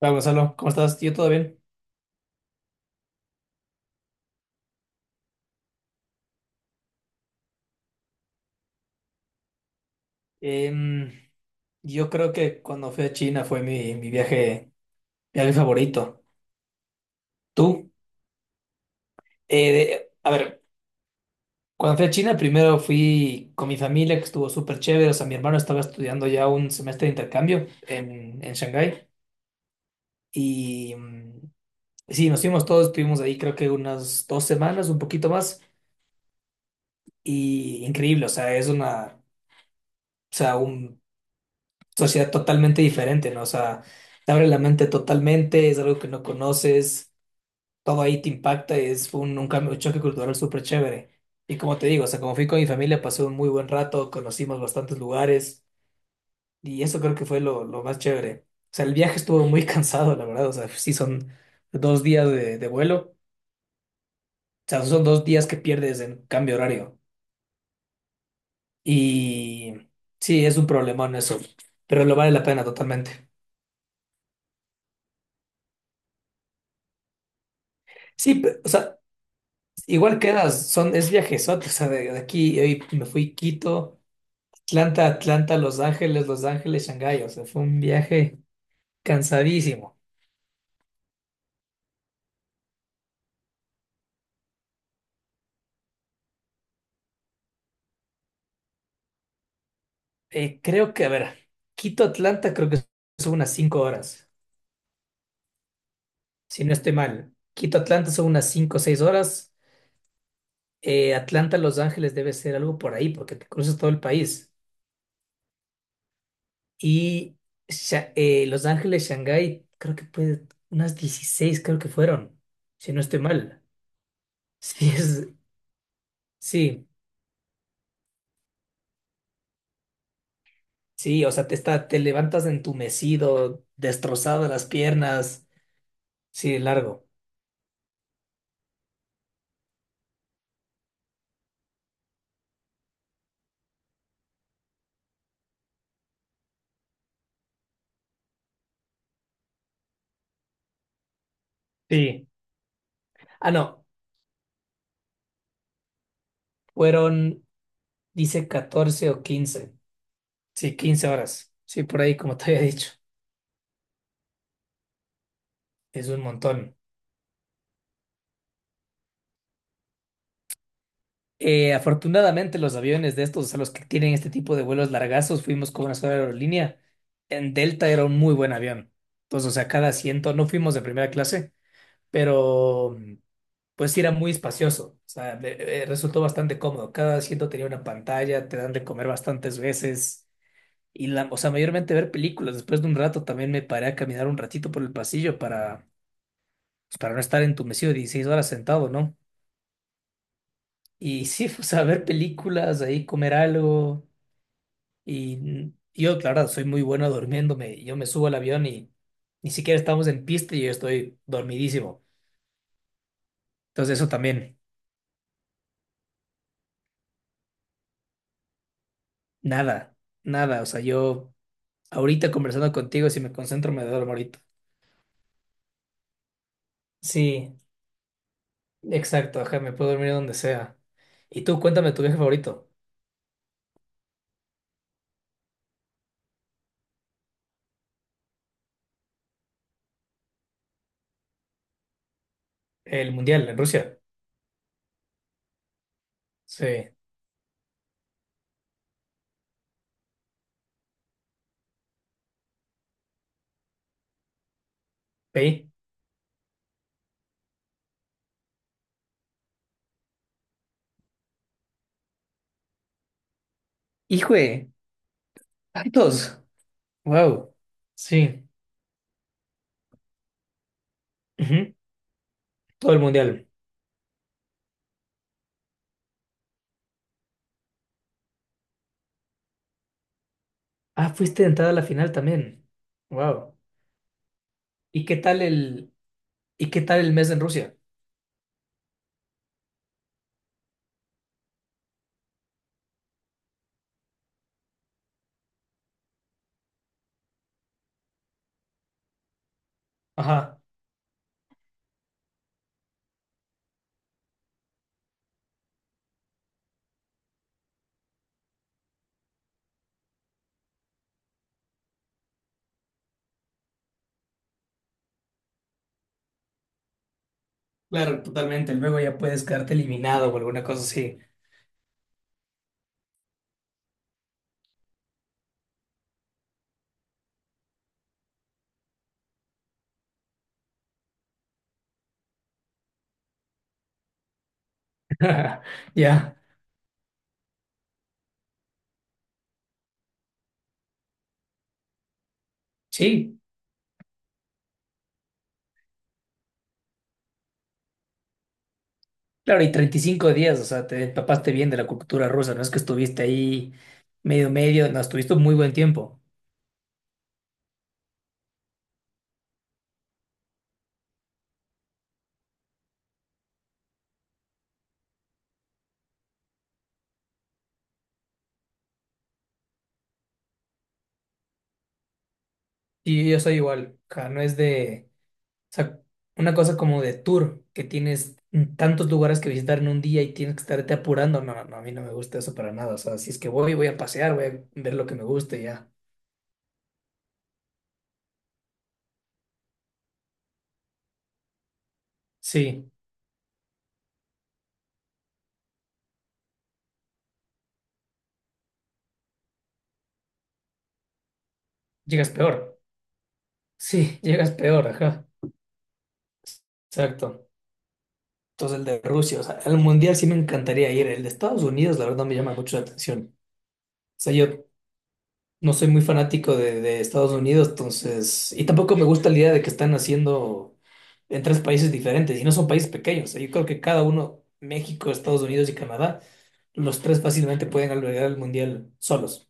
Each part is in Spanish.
Hola Gonzalo, ¿cómo estás? ¿Yo todo bien? Em, yo creo que cuando fui a China fue mi viaje favorito. ¿Tú? A ver, cuando fui a China primero fui con mi familia, que estuvo súper chévere. O sea, mi hermano estaba estudiando ya un semestre de intercambio en Shanghái. Y sí, nos fuimos todos, estuvimos ahí creo que unas 2 semanas, un poquito más. Y increíble, o sea, o sea, un sociedad totalmente diferente, ¿no? O sea, te abre la mente totalmente, es algo que no conoces, todo ahí te impacta, es un cambio, un choque cultural súper chévere. Y como te digo, o sea, como fui con mi familia, pasé un muy buen rato, conocimos bastantes lugares y eso creo que fue lo más chévere. O sea, el viaje estuvo muy cansado, la verdad, o sea, sí son dos días de vuelo, o sea, son dos días que pierdes en cambio de horario. Y sí, es un problemón eso, pero lo vale la pena totalmente. O sea, igual quedas, es viajezote, o sea, de aquí hoy me fui Quito, Atlanta, Atlanta, Los Ángeles, Los Ángeles, Shanghái, o sea, fue un viaje cansadísimo. Creo que, a ver, Quito, Atlanta creo que son unas 5 horas, si no estoy mal. Quito, Atlanta son unas 5 o 6 horas. Atlanta, Los Ángeles debe ser algo por ahí, porque te cruzas todo el país. Y Los Ángeles, Shanghái, creo que puede, unas 16 creo que fueron, si no estoy mal. Sí, sí. Sí, o sea, te levantas entumecido, destrozado de las piernas. Sí, largo. Sí. Ah, no. Fueron, dice 14 o 15, sí, 15 horas. Sí, por ahí, como te había dicho. Es un montón. Afortunadamente, los aviones de estos, o sea, los que tienen este tipo de vuelos largazos, fuimos con una sola aerolínea. En Delta era un muy buen avión. Entonces, o sea, cada asiento, no fuimos de primera clase, pero pues sí era muy espacioso, o sea, resultó bastante cómodo. Cada asiento tenía una pantalla, te dan de comer bastantes veces y la, o sea, mayormente ver películas. Después de un rato también me paré a caminar un ratito por el pasillo para, pues, para no estar entumecido 16 horas sentado, ¿no? Y sí, o sea, ver películas, ahí comer algo y yo, claro, soy muy bueno durmiéndome. Yo me subo al avión y ni siquiera estamos en pista y yo estoy dormidísimo. Entonces eso también, nada, nada, o sea, yo ahorita conversando contigo, si me concentro, me duermo ahorita. Sí, exacto, ajá, me puedo dormir donde sea. Y tú, cuéntame tu viaje favorito. El mundial en Rusia. Sí, ¿veí? Hijo de tantos. Wow. Sí. Ujú, todo el mundial. Ah, fuiste de entrada a la final también. Wow. ¿Y qué tal el y qué tal el mes en Rusia? Ajá. Claro, totalmente. Luego ya puedes quedarte eliminado o alguna cosa así. Ya. Sí. Claro, y 35 días, o sea, te empapaste bien de la cultura rusa, no es que estuviste ahí medio medio, no, estuviste muy buen tiempo. Y yo soy igual, o sea, no es de, o sea, una cosa como de tour, que tienes tantos lugares que visitar en un día y tienes que estarte apurando, no, no, a mí no me gusta eso para nada, o sea, si es que voy, voy a pasear, voy a ver lo que me guste, y ya. Sí, llegas peor, sí, llegas peor, ajá, exacto. Entonces el de Rusia, o sea, el mundial sí me encantaría ir, el de Estados Unidos, la verdad, me llama mucho la atención. O sea, yo no soy muy fanático de Estados Unidos, entonces, y tampoco me gusta la idea de que están haciendo en tres países diferentes, y no son países pequeños. Yo creo que cada uno, México, Estados Unidos y Canadá, los tres fácilmente pueden albergar el mundial solos.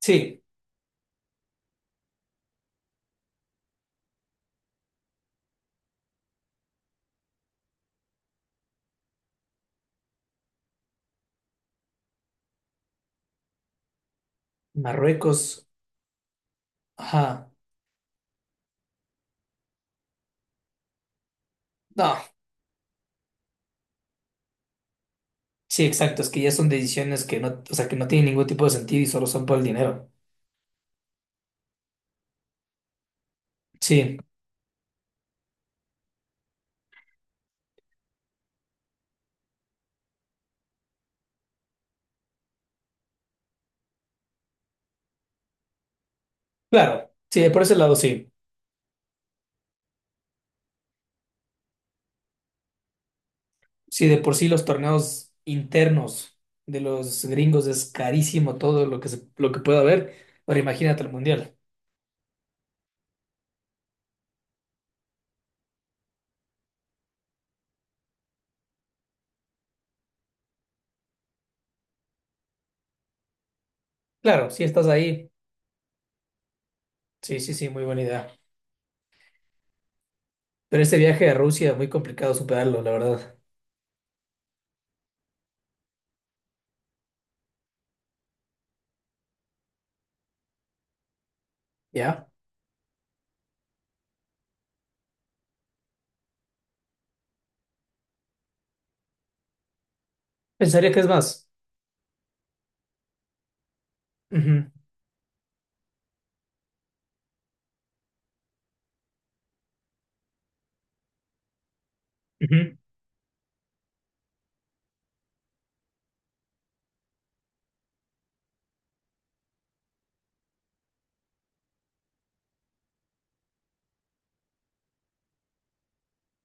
Sí, Marruecos, ajá, no, sí, exacto, es que ya son decisiones que no, o sea, que no tienen ningún tipo de sentido y solo son por el dinero. Sí, claro, sí, por ese lado sí. Si de por sí los torneos internos de los gringos es carísimo todo lo que lo que pueda haber, ahora imagínate el mundial. Claro, si estás ahí, sí, sí, sí, muy buena idea. Pero ese viaje a Rusia, muy complicado superarlo, la verdad. ¿Ya? Pensaría que es más. Ujú, ujú.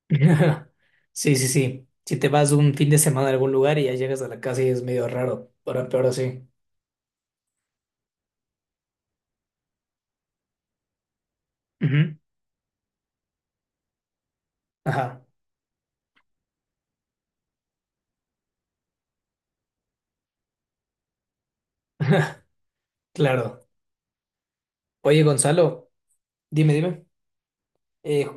Sí, sí, sí. Si te vas un fin de semana a algún lugar y ya llegas a la casa y es medio raro. Ahora peor así. Ujú. Ajá. Claro. Oye, Gonzalo, dime, dime. Eh,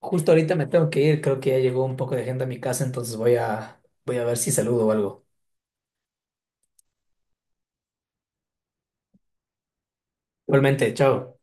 Justo ahorita me tengo que ir, creo que ya llegó un poco de gente a mi casa, entonces voy a ver si saludo o algo. Igualmente, chao.